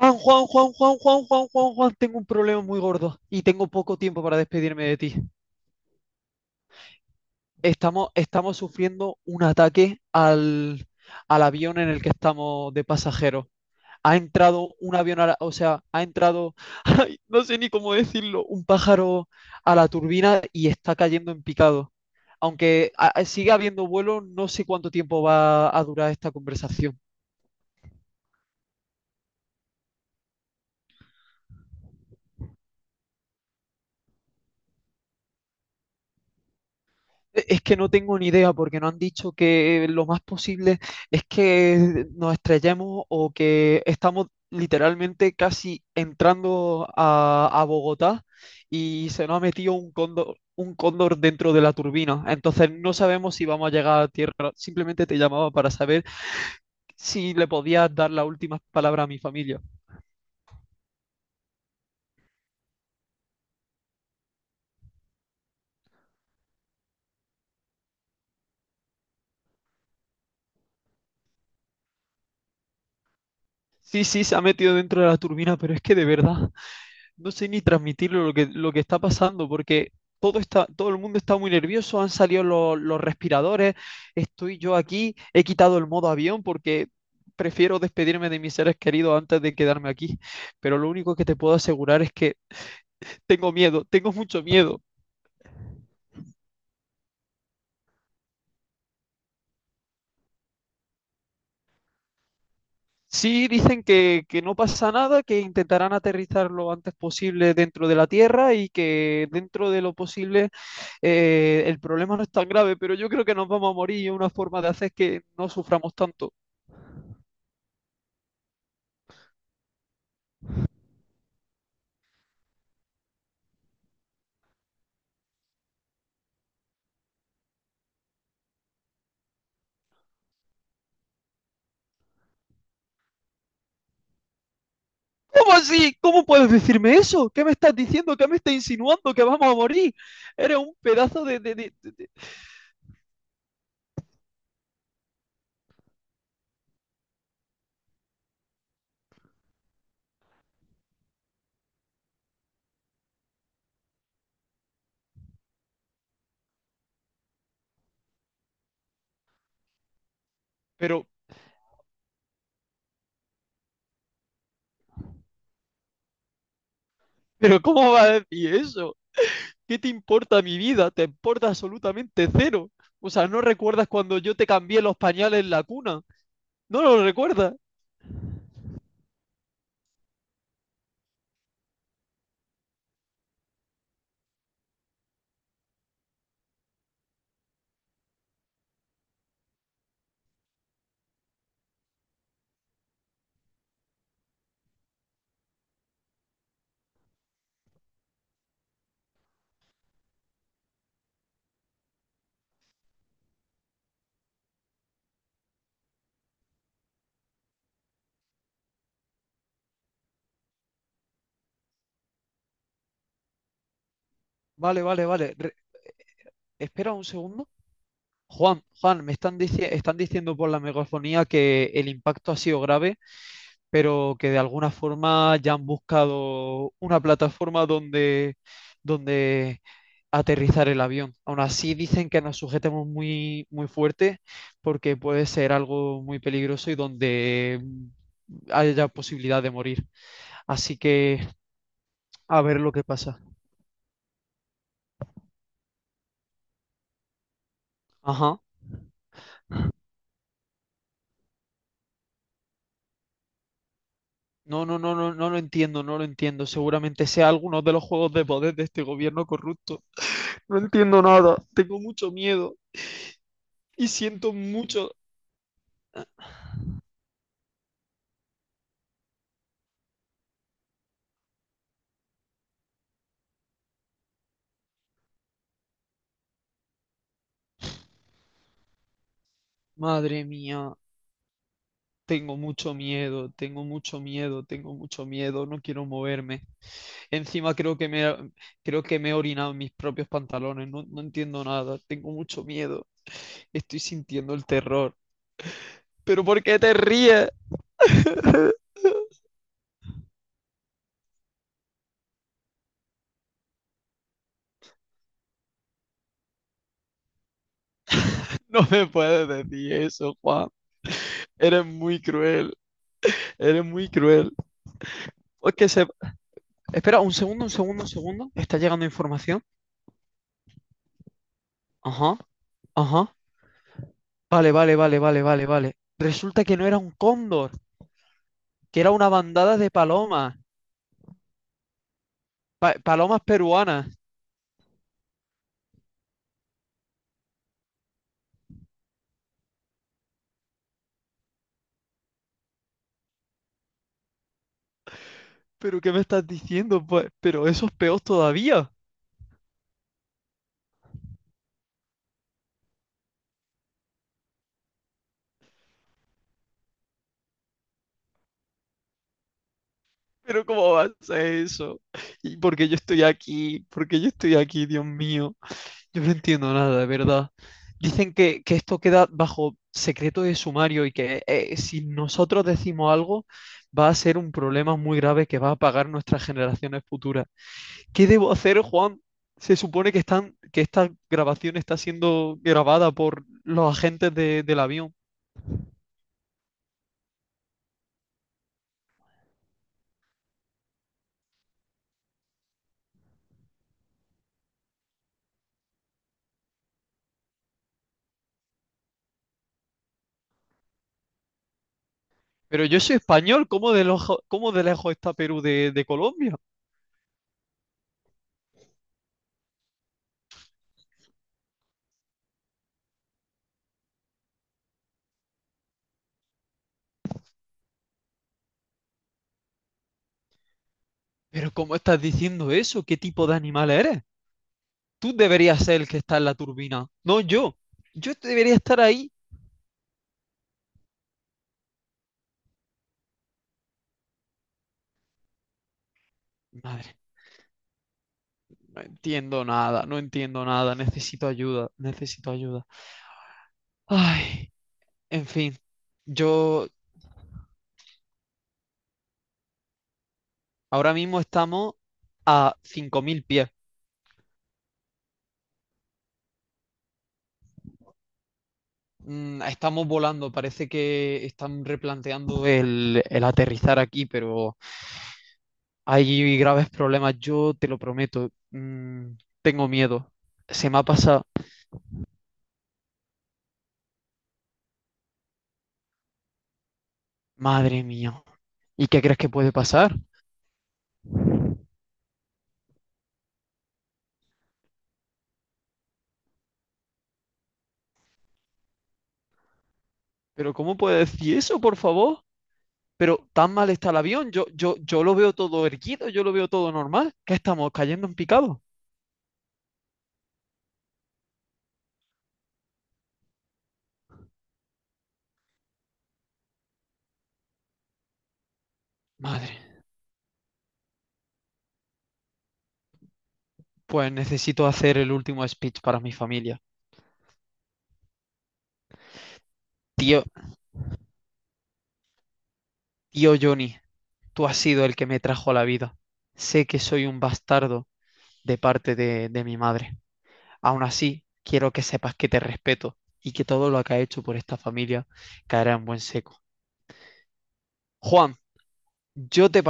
Juan, Juan, Juan, Juan, Juan, Juan, Juan, Juan, tengo un problema muy gordo y tengo poco tiempo para despedirme de ti. Estamos sufriendo un ataque al avión en el que estamos de pasajeros. Ha entrado un avión, a la- o sea, ha entrado, ay, no sé ni cómo decirlo, un pájaro a la turbina y está cayendo en picado. Aunque siga habiendo vuelo, no sé cuánto tiempo va a durar esta conversación. Es que no tengo ni idea porque no han dicho que lo más posible es que nos estrellemos o que estamos literalmente casi entrando a Bogotá y se nos ha metido un cóndor dentro de la turbina. Entonces no sabemos si vamos a llegar a tierra. Simplemente te llamaba para saber si le podías dar las últimas palabras a mi familia. Sí, sí, se ha metido dentro de la turbina, pero es que de verdad, no sé ni transmitirlo lo que está pasando, porque todo el mundo está muy nervioso, han salido los respiradores, estoy yo aquí, he quitado el modo avión porque prefiero despedirme de mis seres queridos antes de quedarme aquí, pero lo único que te puedo asegurar es que tengo miedo, tengo mucho miedo. Sí, dicen que no pasa nada, que intentarán aterrizar lo antes posible dentro de la Tierra y que dentro de lo posible el problema no es tan grave, pero yo creo que nos vamos a morir y una forma de hacer es que no suframos tanto. ¿Cómo así? ¿Cómo puedes decirme eso? ¿Qué me estás diciendo? ¿Qué me estás insinuando? ¿Que vamos a morir? Eres un pedazo de... Pero, pero ¿cómo vas a decir eso? ¿Qué te importa mi vida? Te importa absolutamente cero. O sea, ¿no recuerdas cuando yo te cambié los pañales en la cuna? No lo recuerda. Vale, vale, vale. Espera un segundo. Juan, Juan, están diciendo por la megafonía que el impacto ha sido grave, pero que de alguna forma ya han buscado una plataforma donde aterrizar el avión. Aún así dicen que nos sujetemos muy, muy fuerte porque puede ser algo muy peligroso y donde haya posibilidad de morir. Así que a ver lo que pasa. Ajá. No, no, no, no, no lo entiendo, no lo entiendo. Seguramente sea alguno de los juegos de poder de este gobierno corrupto. No entiendo nada, tengo mucho miedo y siento mucho. Madre mía, tengo mucho miedo, tengo mucho miedo, tengo mucho miedo, no quiero moverme. Encima creo que me he orinado en mis propios pantalones, no, no entiendo nada, tengo mucho miedo, estoy sintiendo el terror. ¿Pero por qué te ríes? No me puedes decir eso, Juan. Eres muy cruel, eres muy cruel. Es que se... Espera, un segundo, un segundo, un segundo. Está llegando información. Ajá, ajá. Vale, vale, vale, vale, vale, vale. Resulta que no era un cóndor, que era una bandada de palomas. Palomas peruanas. ¿Pero qué me estás diciendo? Pues, pero eso es peor todavía. ¿Pero cómo va a ser eso? ¿Y por qué yo estoy aquí? ¿Por qué yo estoy aquí, Dios mío? Yo no entiendo nada, de verdad. Dicen que esto queda bajo secreto de sumario y que si nosotros decimos algo va a ser un problema muy grave que va a pagar nuestras generaciones futuras. ¿Qué debo hacer, Juan? Se supone que que esta grabación está siendo grabada por los agentes del avión. Pero yo soy español, cómo de lejos está Perú de Colombia? Pero ¿cómo estás diciendo eso? ¿Qué tipo de animal eres? Tú deberías ser el que está en la turbina, no yo. Yo debería estar ahí. Madre, no entiendo nada, no entiendo nada. Necesito ayuda, necesito ayuda. Ay, en fin, yo ahora mismo estamos a 5.000 pies. Mm, estamos volando, parece que están replanteando el aterrizar aquí, pero hay graves problemas, yo te lo prometo. Tengo miedo. Se me ha pasado. Madre mía. ¿Y qué crees que puede pasar? Pero ¿cómo puede decir eso, por favor? Pero tan mal está el avión, yo lo veo todo erguido, yo lo veo todo normal. ¿Qué estamos cayendo en picado? Madre, pues necesito hacer el último speech para mi familia. Tío, tío Johnny, tú has sido el que me trajo a la vida. Sé que soy un bastardo de parte de mi madre. Aún así, quiero que sepas que te respeto y que todo lo que has hecho por esta familia caerá en buen seco. Juan, yo te,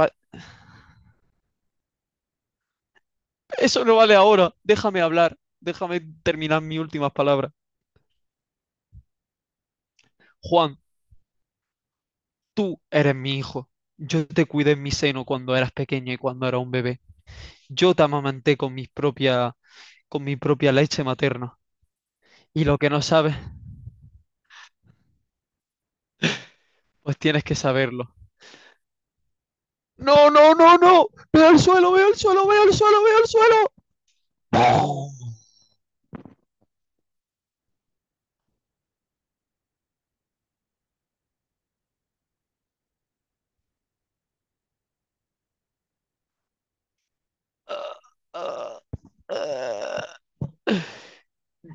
Eso no vale ahora. Déjame hablar. Déjame terminar mis últimas palabras. Juan, tú eres mi hijo. Yo te cuidé en mi seno cuando eras pequeño y cuando era un bebé. Yo te amamanté con mis propia, con mi propia leche materna. Y lo que no sabes, pues tienes que saberlo. No, no, no, no. Veo al suelo, veo al suelo, veo al suelo, veo al suelo. Ah, ah, ah.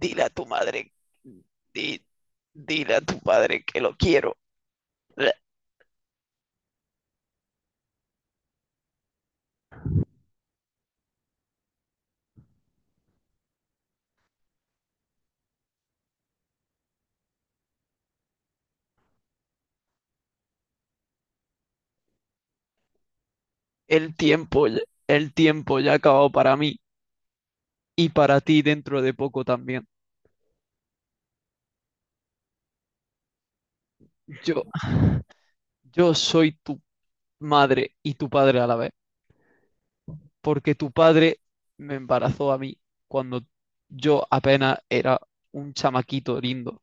Dile a tu madre. di- Dile a tu padre que lo quiero. Uh, El tiempo, ya- el tiempo ya ha acabado para mí y para ti dentro de poco también. Yo, yo soy tu madre y tu padre a la vez, porque tu padre me embarazó a mí cuando yo apenas era un chamaquito lindo.